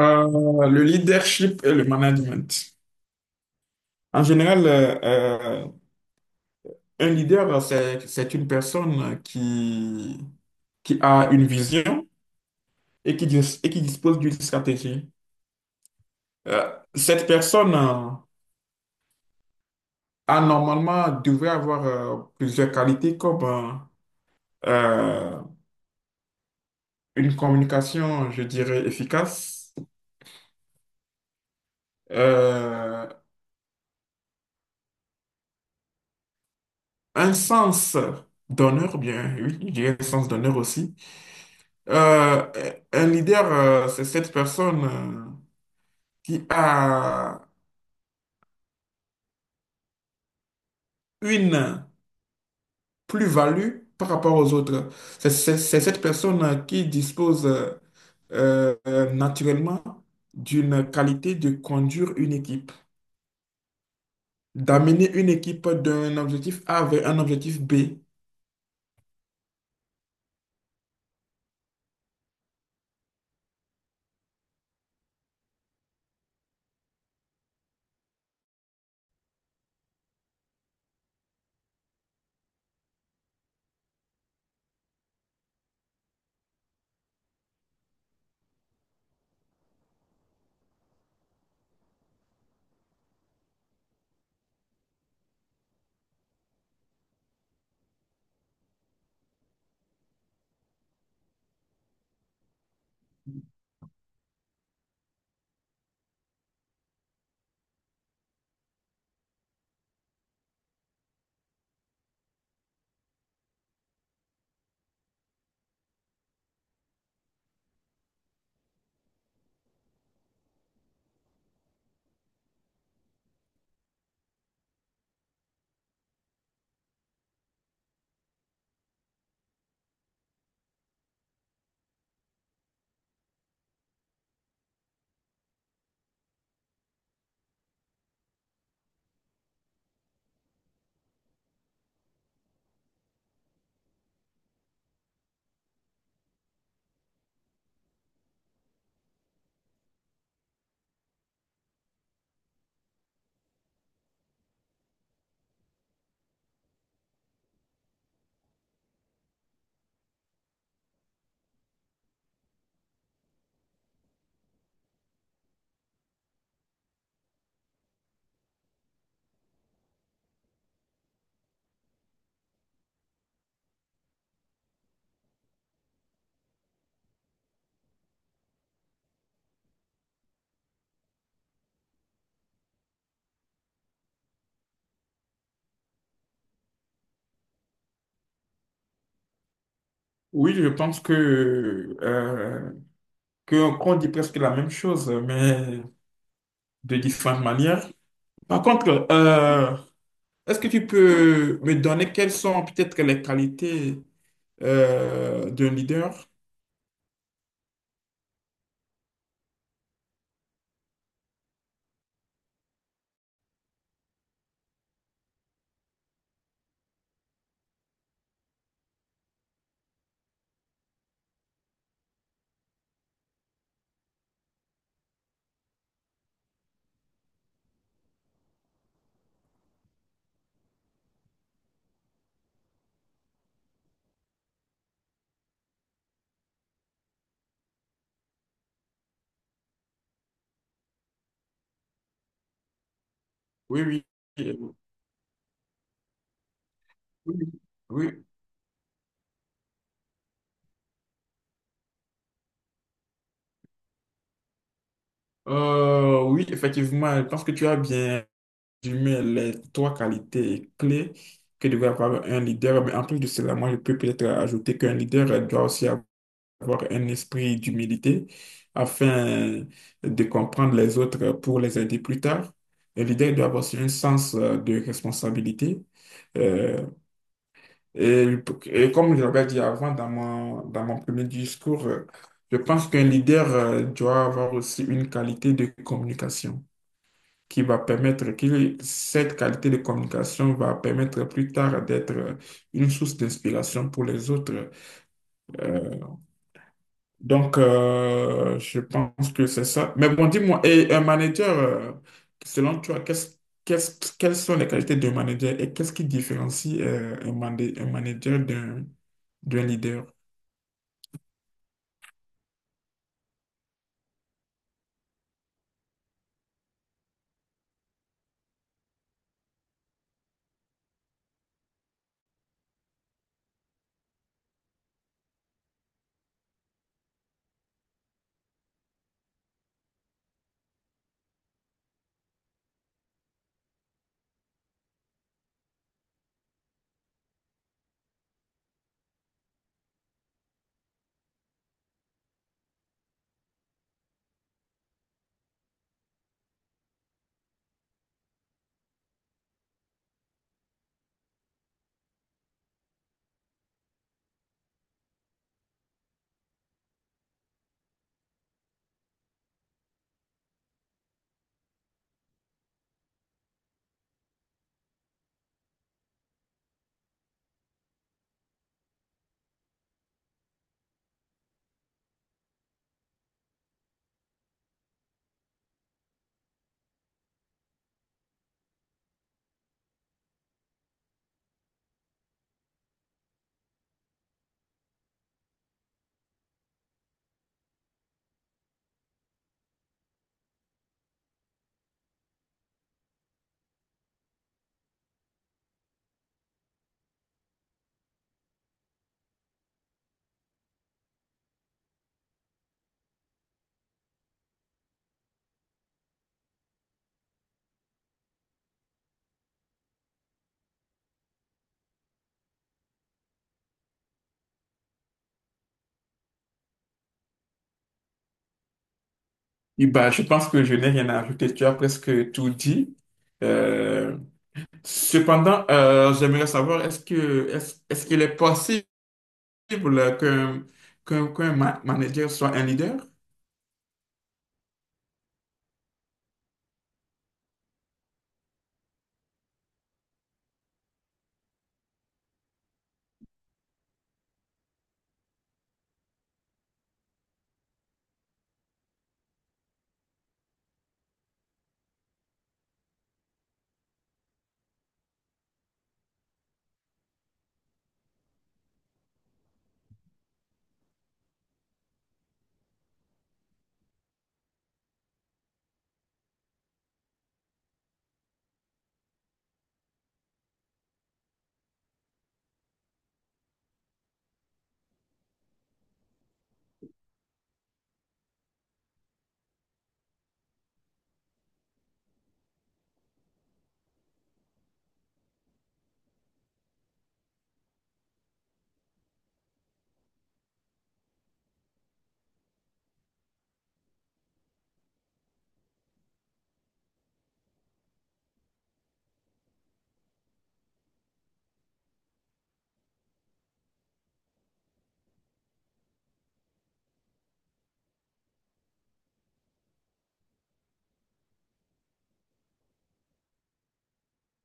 Le leadership et le management. En général, un leader, c'est une personne qui a une vision et qui, et qui dispose d'une stratégie. Euh, Cette personne a normalement devrait avoir plusieurs qualités comme euh, une communication, je dirais, efficace, euh, un sens d'honneur, bien oui, je dirais un sens d'honneur aussi. Un leader, c'est cette personne qui a une plus-value par rapport aux autres. C'est cette personne qui dispose naturellement d'une qualité de conduire une équipe, d'amener une équipe d'un objectif A vers un objectif B. Oui, je pense qu'on dit presque la même chose, mais de différentes manières. Par contre, est-ce que tu peux me donner quelles sont peut-être les qualités d'un leader? Oui, oui. Oui, oui. Oui, effectivement, je pense que tu as bien résumé les trois qualités clés que devrait avoir un leader. Mais en plus de cela, moi, je peux peut-être ajouter qu'un leader doit aussi avoir un esprit d'humilité afin de comprendre les autres pour les aider plus tard. Un leader doit avoir aussi un sens de responsabilité. euh, Et, et comme je l'avais dit avant dans dans mon premier discours, je pense qu'un leader doit avoir aussi une qualité de communication qui va permettre, que cette qualité de communication va permettre plus tard d'être une source d'inspiration pour les autres. Euh, donc, je pense que c'est ça. Mais bon, dis-moi, et un manager, selon toi, quelles sont les qualités d'un manager et qu'est-ce qui différencie un manager d'un d'un leader? Oui, bah, je pense que je n'ai rien à ajouter. Tu as presque tout dit. Euh, Cependant, j'aimerais savoir, est-ce qu'il est possible qu'un, manager soit un leader?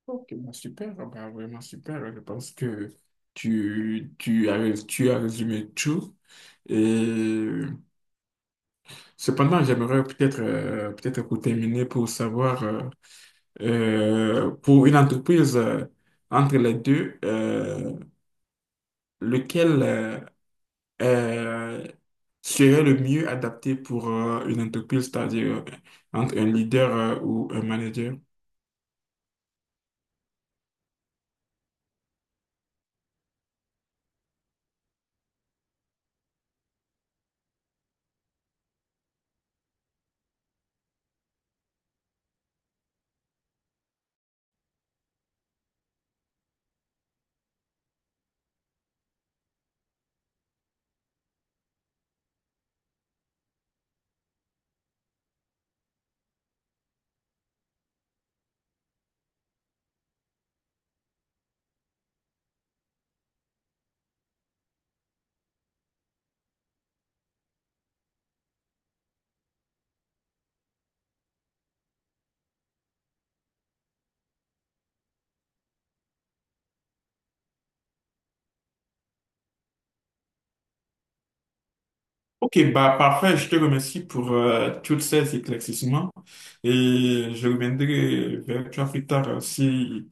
Ok, bah, super. Ah, bah, vraiment super. Je pense que tu as résumé tout. Et cependant, j'aimerais peut-être, peut-être pour terminer, pour savoir. Pour une entreprise entre les deux, lequel euh, serait le mieux adapté pour une entreprise, c'est-à-dire entre un leader ou un manager? Ok, bah parfait, je te remercie pour tous ces éclaircissements et je reviendrai vers toi plus tard si